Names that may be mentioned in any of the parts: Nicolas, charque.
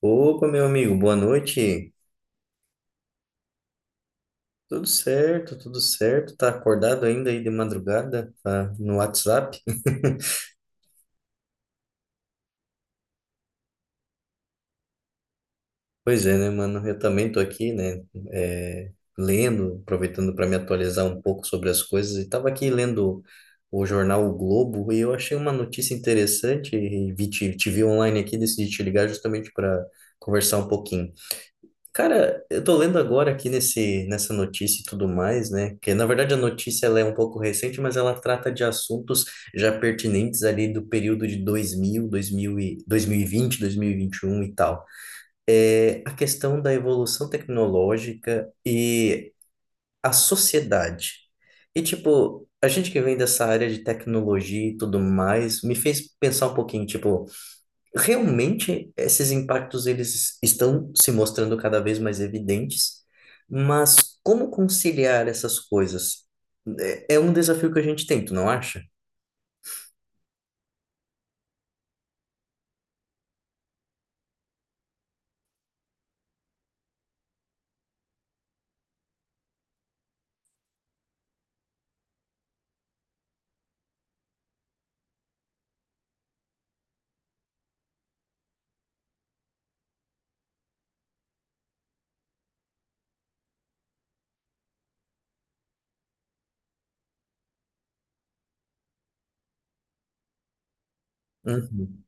Opa, meu amigo, boa noite. Tudo certo, tudo certo. Tá acordado ainda aí de madrugada? Tá no WhatsApp? Pois é, né, mano? Eu também tô aqui, né? é, Lendo, aproveitando para me atualizar um pouco sobre as coisas. E tava aqui lendo o jornal O Globo e eu achei uma notícia interessante e vi, te vi online aqui, decidi te ligar justamente para conversar um pouquinho. Cara, eu tô lendo agora aqui nessa notícia e tudo mais, né? Que na verdade a notícia ela é um pouco recente, mas ela trata de assuntos já pertinentes ali do período de 2021 e tal. É a questão da evolução tecnológica e a sociedade. E tipo, a gente que vem dessa área de tecnologia e tudo mais, me fez pensar um pouquinho, tipo, realmente esses impactos eles estão se mostrando cada vez mais evidentes, mas como conciliar essas coisas? É um desafio que a gente tem, tu não acha? Uhum,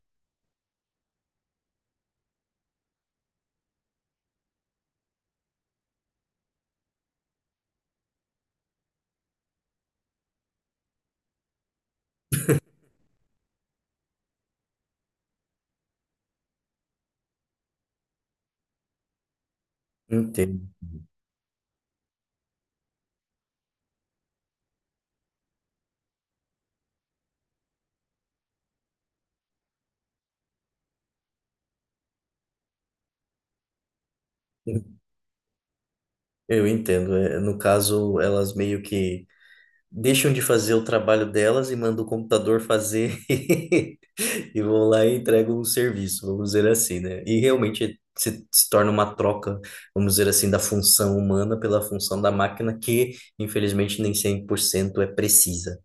entendo. Eu entendo. No caso, elas meio que deixam de fazer o trabalho delas e mandam o computador fazer e vão lá e entregam o serviço, vamos dizer assim, né? E realmente se torna uma troca, vamos dizer assim, da função humana pela função da máquina, que infelizmente nem 100% é precisa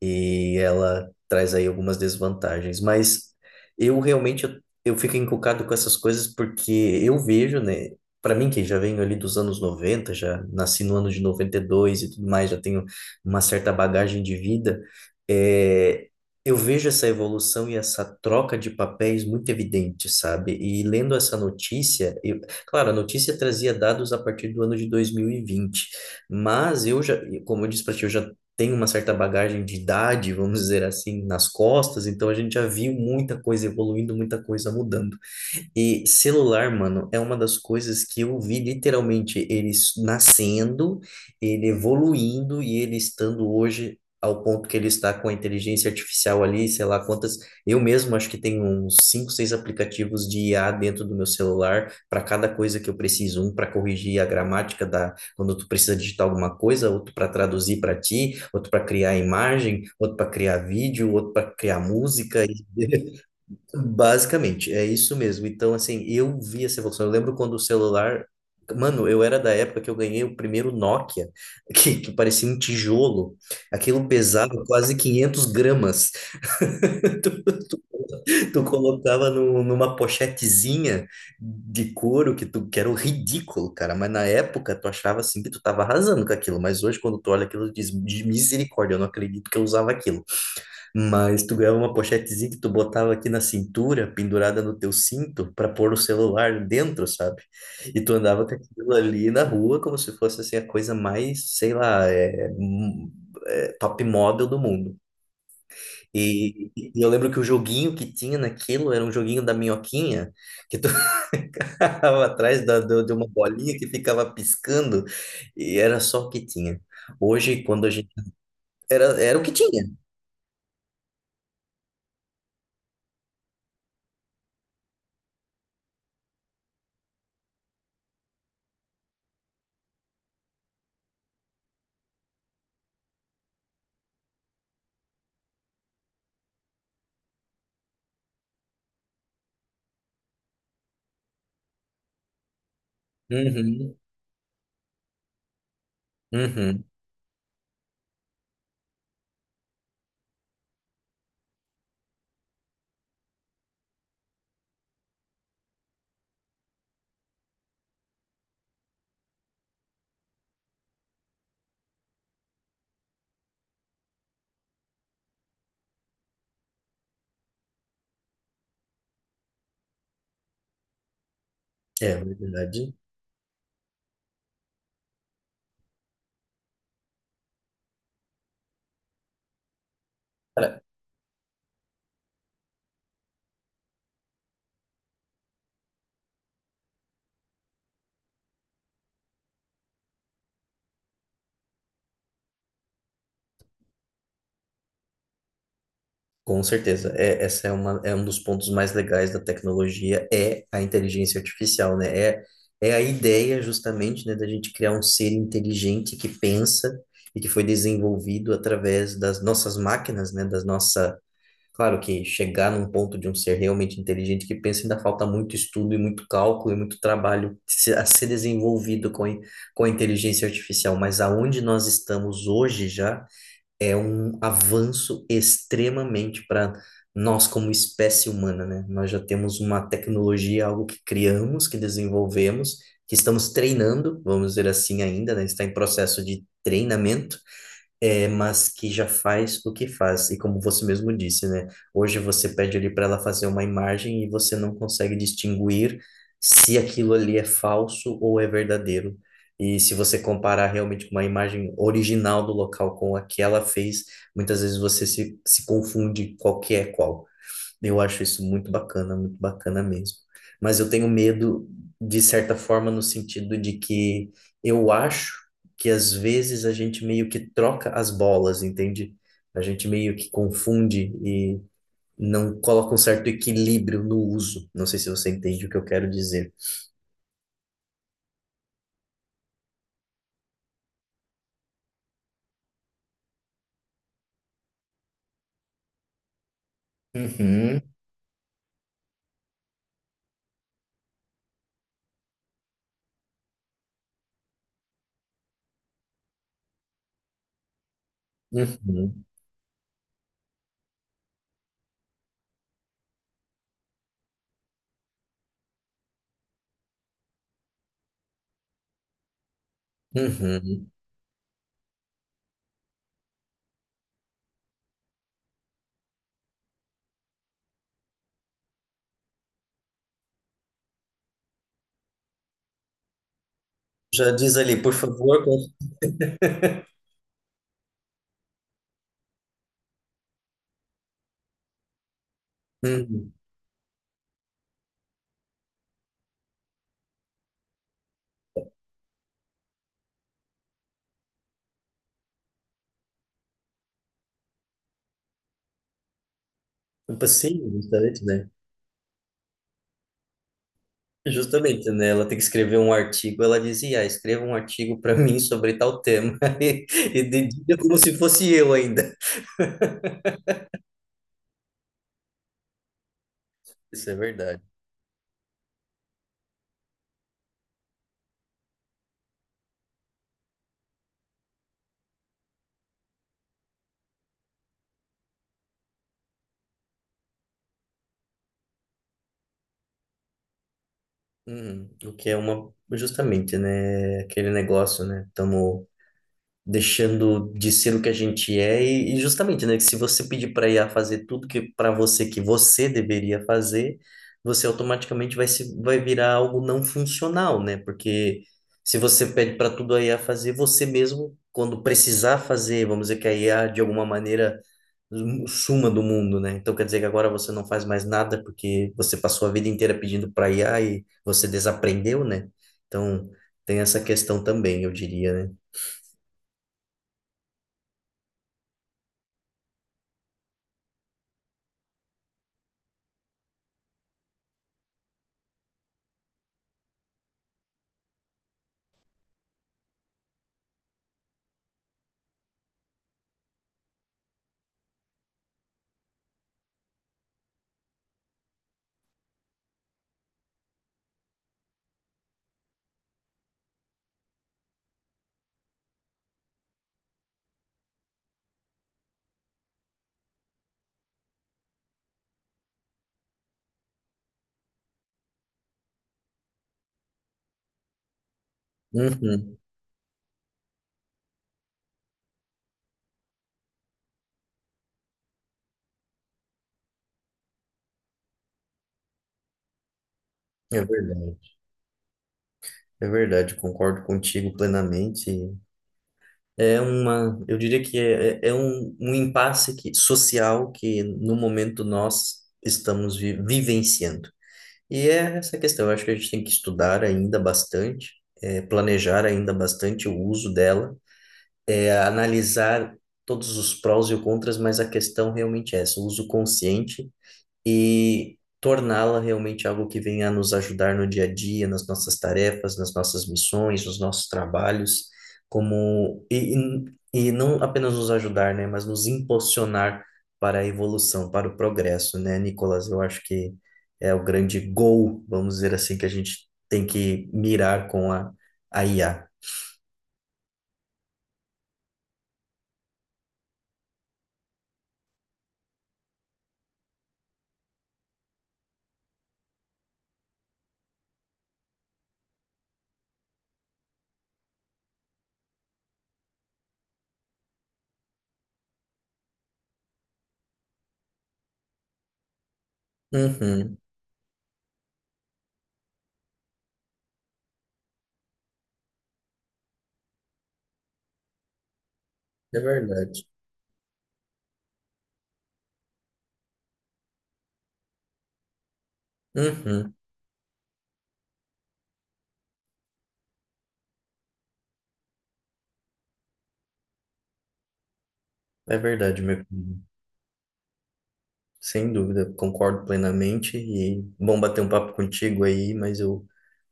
e ela traz aí algumas desvantagens. Mas eu realmente eu fico encucado com essas coisas porque eu vejo, né? Para mim, que já venho ali dos anos 90 já nasci no ano de noventa e dois e tudo mais, já tenho uma certa bagagem de vida, é, eu vejo essa evolução e essa troca de papéis muito evidente, sabe? E lendo essa notícia, claro, a notícia trazia dados a partir do ano de 2020 mas eu já, como eu disse para ti, eu já tem uma certa bagagem de idade, vamos dizer assim, nas costas, então a gente já viu muita coisa evoluindo, muita coisa mudando. E celular, mano, é uma das coisas que eu vi literalmente ele nascendo, ele evoluindo e ele estando hoje ao ponto que ele está com a inteligência artificial ali, sei lá quantas. Eu mesmo acho que tenho uns cinco, seis aplicativos de IA dentro do meu celular para cada coisa que eu preciso, um para corrigir a gramática da quando tu precisa digitar alguma coisa, outro para traduzir para ti, outro para criar imagem, outro para criar vídeo, outro para criar música. Basicamente, é isso mesmo. Então, assim, eu vi essa evolução. Eu lembro quando o celular. Mano, eu era da época que eu ganhei o primeiro Nokia, que parecia um tijolo. Aquilo pesava quase 500 gramas. Tu, tu- tu colocava numa pochetezinha de couro que era ridículo, cara. Mas na época tu achava assim que tu tava arrasando com aquilo. Mas hoje, quando tu olha aquilo, tu diz, de misericórdia, eu não acredito que eu usava aquilo. Mas tu ganhava uma pochetezinha que tu botava aqui na cintura, pendurada no teu cinto, para pôr o celular dentro, sabe? E tu andava com aquilo ali na rua como se fosse assim a coisa mais, sei lá, top model do mundo. E eu lembro que o joguinho que tinha naquilo era um joguinho da minhoquinha, que tu ficava atrás de uma bolinha que ficava piscando, e era só o que tinha. Hoje, quando a gente. Era o que tinha. Uhum, uhum. É verdade. Com certeza, essa é uma, é um dos pontos mais legais da tecnologia, é a inteligência artificial, né? É a ideia justamente, né, da gente criar um ser inteligente que pensa e que foi desenvolvido através das nossas máquinas, né, claro que chegar num ponto de um ser realmente inteligente que pensa ainda falta muito estudo e muito cálculo e muito trabalho a ser desenvolvido com a inteligência artificial, mas aonde nós estamos hoje já é um avanço extremamente para nós como espécie humana, né? Nós já temos uma tecnologia, algo que criamos, que desenvolvemos, que estamos treinando, vamos dizer assim ainda, né? Está em processo de treinamento mas que já faz o que faz. E como você mesmo disse, né? Hoje você pede ali para ela fazer uma imagem e você não consegue distinguir se aquilo ali é falso ou é verdadeiro. E se você comparar realmente com uma imagem original do local com a que ela fez, muitas vezes você se confunde qual que é qual. Eu acho isso muito bacana mesmo. Mas eu tenho medo, de certa forma, no sentido de que eu acho que às vezes a gente meio que troca as bolas, entende? A gente meio que confunde e não coloca um certo equilíbrio no uso. Não sei se você entende o que eu quero dizer. Uhum, uhum, uhum. Já diz ali, por favor. Uhum. Um passeio, bastante, né? Justamente, né? Ela tem que escrever um artigo. Ela dizia, ah, escreva um artigo para mim sobre tal tema. E dedica como se fosse eu ainda. Isso é verdade. Uhum. O que é uma, justamente, né? Aquele negócio, né? Estamos deixando de ser o que a gente é e justamente, né, que se você pedir para IA fazer tudo que para você que você deveria fazer, você automaticamente vai virar algo não funcional, né? Porque se você pede para tudo a IA fazer, você mesmo quando precisar fazer, vamos dizer que a IA de alguma maneira suma do mundo, né? Então quer dizer que agora você não faz mais nada porque você passou a vida inteira pedindo para IA e você desaprendeu, né? Então tem essa questão também, eu diria, né? Uhum. É verdade, é verdade, concordo contigo plenamente. É uma, eu diria que é um impasse social que no momento nós estamos vivenciando. E é essa questão, eu acho que a gente tem que estudar ainda bastante, planejar ainda bastante o uso dela, analisar todos os prós e os contras, mas a questão realmente é essa, o uso consciente e torná-la realmente algo que venha a nos ajudar no dia a dia, nas nossas tarefas, nas nossas missões, nos nossos trabalhos, como e não apenas nos ajudar, né, mas nos impulsionar para a evolução, para o progresso, né, Nicolas? Eu acho que é o grande goal, vamos dizer assim, que a gente tem que mirar com a IA. Uhum, é verdade. Uhum, é verdade, meu querido. Sem dúvida, concordo plenamente e bom bater um papo contigo aí, mas eu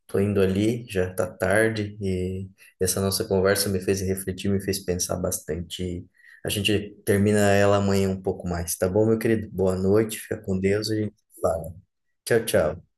tô indo ali, já tá tarde e essa nossa conversa me fez refletir, me fez pensar bastante. A gente termina ela amanhã um pouco mais, tá bom, meu querido? Boa noite, fica com Deus e a gente se fala. Tchau, tchau.